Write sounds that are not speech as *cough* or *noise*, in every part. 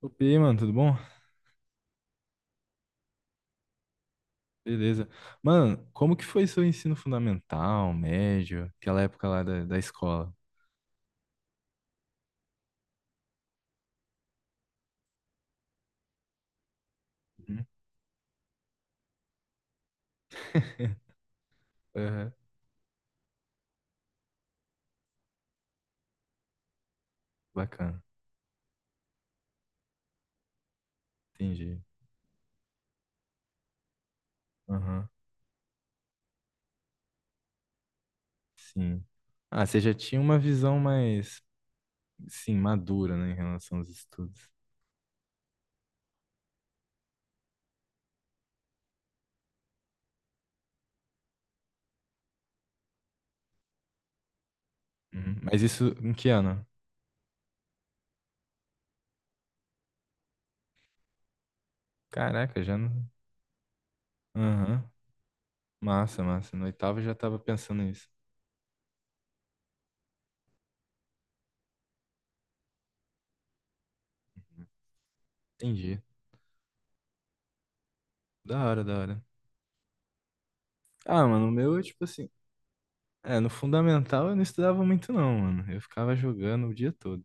Opa, e aí, mano, tudo bom? Beleza. Mano, como que foi seu ensino fundamental, médio, aquela época lá da escola? Uhum. *laughs* Aham. Bacana, entendi. Aham. Sim. Ah, você já tinha uma visão mais, sim, madura, né, em relação aos estudos. Uhum. Mas isso em que ano? Caraca, já não... Aham. Massa, massa. No oitavo eu já tava pensando nisso. Entendi. Da hora, da hora. Ah, mano, o meu, é, tipo assim, é, no fundamental eu não estudava muito não, mano. Eu ficava jogando o dia todo.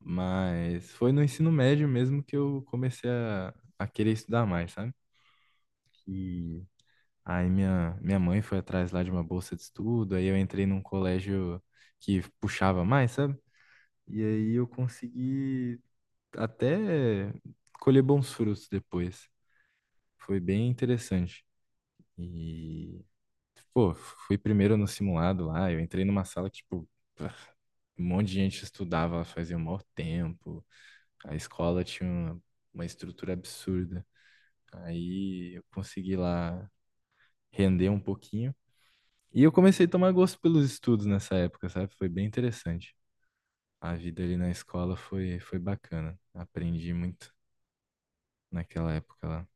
Mas foi no ensino médio mesmo que eu comecei a querer estudar mais, sabe? E aí minha mãe foi atrás lá de uma bolsa de estudo, aí eu entrei num colégio que puxava mais, sabe? E aí eu consegui até colher bons frutos depois. Foi bem interessante. E pô, fui primeiro no simulado lá, eu entrei numa sala que, tipo, um monte de gente estudava, fazia um maior tempo, a escola tinha uma estrutura absurda. Aí eu consegui lá render um pouquinho. E eu comecei a tomar gosto pelos estudos nessa época, sabe? Foi bem interessante. A vida ali na escola foi, foi bacana. Aprendi muito naquela época lá.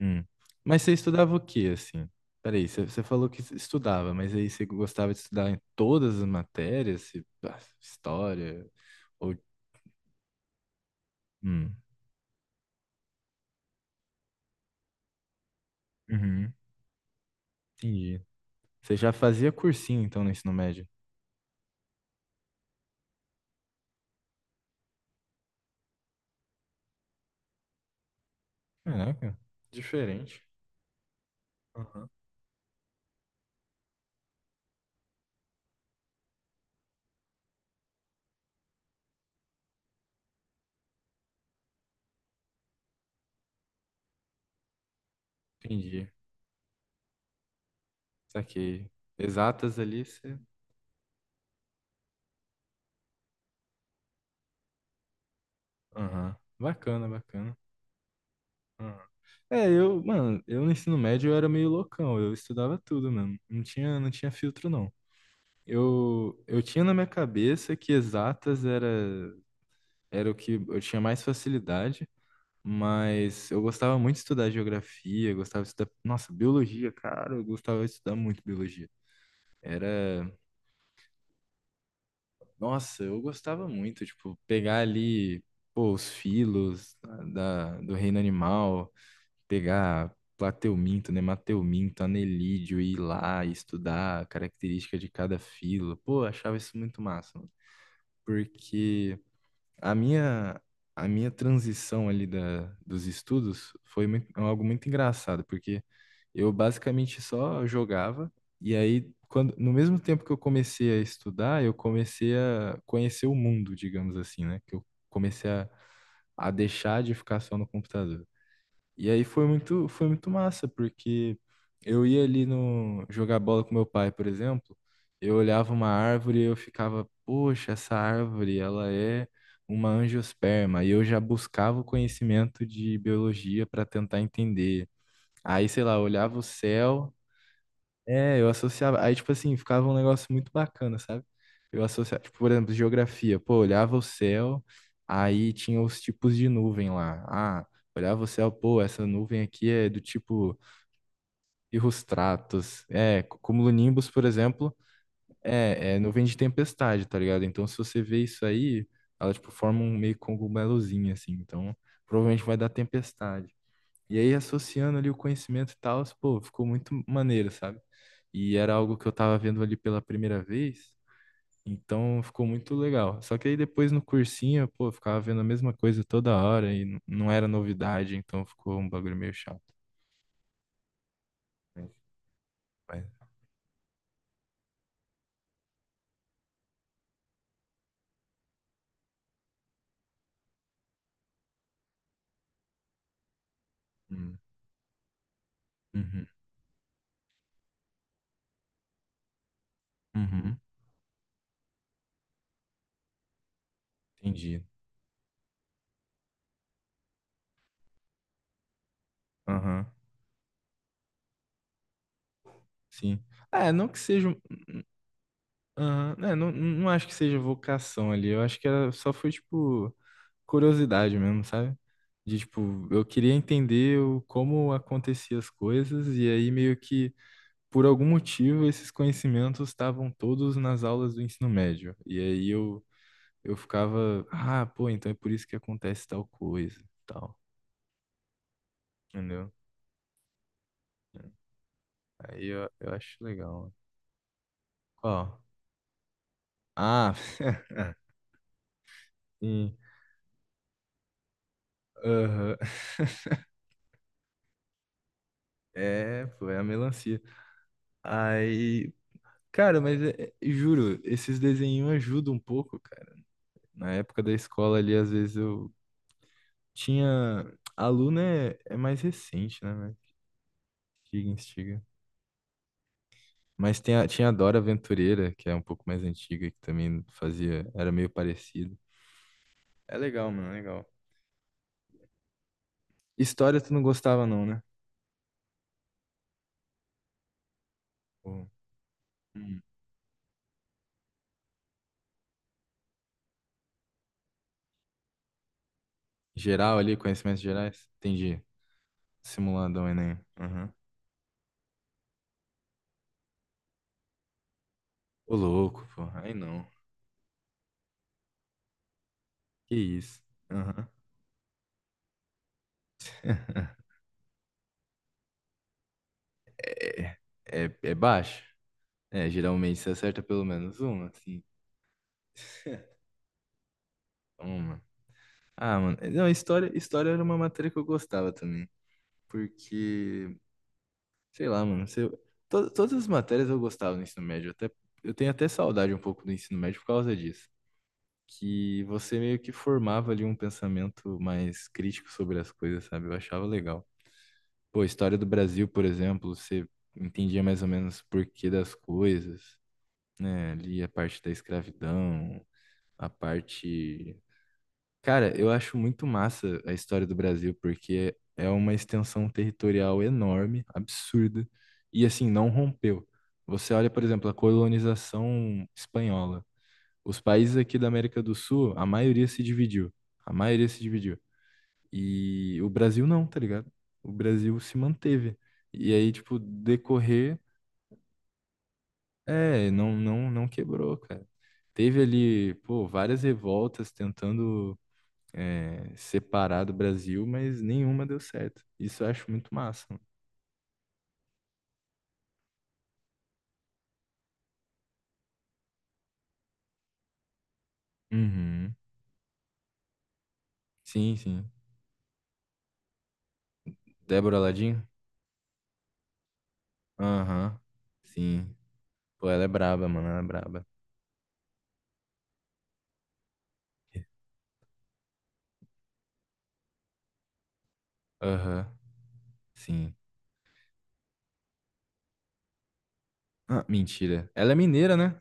Hum. Mas você estudava o quê, assim? Peraí, você falou que estudava, mas aí você gostava de estudar em todas as matérias? Ah, história? Ou... Hum. Uhum. Entendi. Você já fazia cursinho, então, no ensino médio? Caraca, diferente. Aham. Entendi. Saquei. Exatas ali, você... Aham. Bacana, bacana. Aham. É, eu, mano, eu no ensino médio eu era meio loucão, eu estudava tudo mesmo. Não tinha filtro, não. Eu tinha na minha cabeça que exatas era, era o que eu tinha mais facilidade, mas eu gostava muito de estudar geografia, gostava de estudar, nossa, biologia, cara, eu gostava de estudar muito biologia. Era, nossa, eu gostava muito, tipo, pegar ali, pô, os filos do reino animal, pegar plateuminto, nemateuminto, anelídeo, e ir lá e estudar a característica de cada filo. Pô, eu achava isso muito massa, mano, porque a minha, a minha transição ali dos estudos foi muito- algo muito engraçado, porque eu basicamente só jogava, e aí, quando, no mesmo tempo que eu comecei a estudar, eu comecei a conhecer o mundo, digamos assim, né? Que eu comecei a deixar de ficar só no computador. E aí foi muito massa, porque eu ia ali no jogar bola com meu pai, por exemplo, eu olhava uma árvore e eu ficava, poxa, essa árvore, ela é uma angiosperma, e eu já buscava o conhecimento de biologia para tentar entender. Aí, sei lá, eu olhava o céu, é, eu associava. Aí, tipo assim, ficava um negócio muito bacana, sabe? Eu associava, tipo, por exemplo, geografia. Pô, olhava o céu, aí tinha os tipos de nuvem lá. Ah, olhava o céu, pô, essa nuvem aqui é do tipo cirrostratus. É, cumulonimbus, por exemplo, é, é nuvem de tempestade, tá ligado? Então, se você vê isso aí, ela, tipo, forma um meio cogumelozinho, assim. Então, provavelmente vai dar tempestade. E aí, associando ali o conhecimento e tal, pô, ficou muito maneiro, sabe? E era algo que eu tava vendo ali pela primeira vez, então ficou muito legal. Só que aí depois no cursinho, pô, eu ficava vendo a mesma coisa toda hora e não era novidade, então ficou um bagulho meio chato. Né? Mas, hum. Uhum. Uhum. Entendi. Aham. Sim. É, não que seja... Aham. É, não acho que seja vocação ali. Eu acho que era, só foi, tipo, curiosidade mesmo, sabe? De, tipo, eu queria entender como aconteciam as coisas, e aí meio que, por algum motivo, esses conhecimentos estavam todos nas aulas do ensino médio. E aí eu ficava, ah, pô, então é por isso que acontece tal coisa, tal, entendeu? Aí eu acho legal. Qual? Ah. *laughs* Sim. Aham. É, pô, é a melancia. Aí, cara, mas juro, esses desenhos ajudam um pouco, cara. Na época da escola ali, às vezes eu tinha. A Luna é, é mais recente, né? Né? Instiga, instiga. Mas tinha a Dora Aventureira, que é um pouco mais antiga, que também fazia. Era meio parecido. É legal, mano, é legal. História tu não gostava, não, né? Ou- hum. Geral ali, conhecimentos gerais? Entendi. Simuladão, Enem. Aham. Ô, louco, porra. Aí não. Que isso. Aham. *laughs* É, é baixo. É, geralmente você acerta pelo menos uma, assim. *laughs* Uma. Ah, mano. Não, história era uma matéria que eu gostava também. Porque, sei lá, mano. Todas as matérias eu gostava no ensino médio. Até, eu tenho até saudade um pouco do ensino médio por causa disso. Que você meio que formava ali um pensamento mais crítico sobre as coisas, sabe? Eu achava legal. Pô, história do Brasil, por exemplo, você entendia mais ou menos o porquê das coisas, né? Ali a parte da escravidão, a parte... Cara, eu acho muito massa a história do Brasil, porque é uma extensão territorial enorme, absurda, e assim, não rompeu. Você olha, por exemplo, a colonização espanhola. Os países aqui da América do Sul, a maioria se dividiu. A maioria se dividiu. E o Brasil não, tá ligado? O Brasil se manteve. E aí, tipo, decorrer, é, não quebrou, cara. Teve ali, pô, várias revoltas tentando é, separar do Brasil, mas nenhuma deu certo. Isso eu acho muito massa, mano. Uhum. Sim, sim. Débora Ladinho? Aham. Sim. Pô, ela é braba, mano. Ela é braba. Aham. Sim. Ah, mentira. Ela é mineira, né?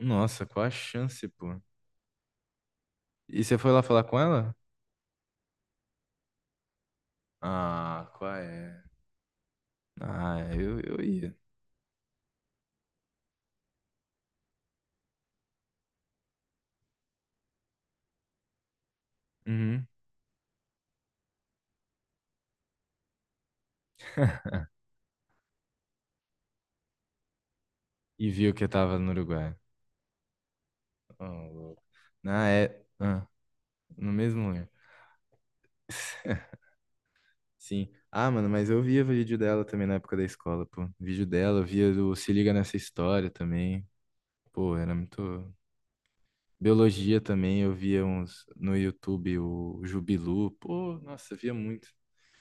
Nossa, qual a chance, pô? E você foi lá falar com ela? Ah, qual é? Ah, eu ia. Uhum. E viu que eu tava no Uruguai. Oh, louco. Na é. Ah, no mesmo lugar. *laughs* Sim. Ah, mano, mas eu via vídeo dela também na época da escola, pô. Vídeo dela, eu via do Se Liga Nessa História também. Pô, era muito. Biologia também, eu via uns no YouTube, o Jubilu. Pô, nossa, eu via muito.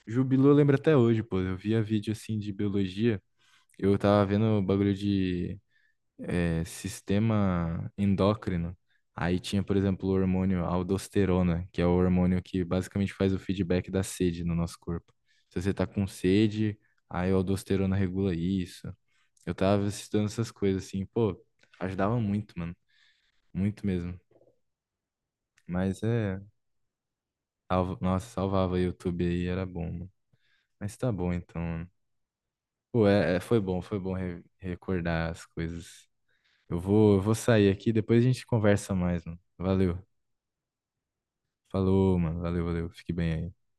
Jubilu eu lembro até hoje, pô. Eu via vídeo assim de biologia. Eu tava vendo o bagulho de é, sistema endócrino. Aí tinha, por exemplo, o hormônio aldosterona, que é o hormônio que basicamente faz o feedback da sede no nosso corpo. Se você tá com sede, aí a aldosterona regula isso. Eu tava estudando essas coisas assim, pô, ajudava muito, mano. Muito mesmo. Mas é. Salva- nossa, salvava YouTube aí, era bom, mano. Mas tá bom então, mano. Pô, é, foi bom recordar as coisas. Eu vou sair aqui, depois a gente conversa mais, mano. Valeu. Falou, mano. Valeu, valeu. Fique bem aí.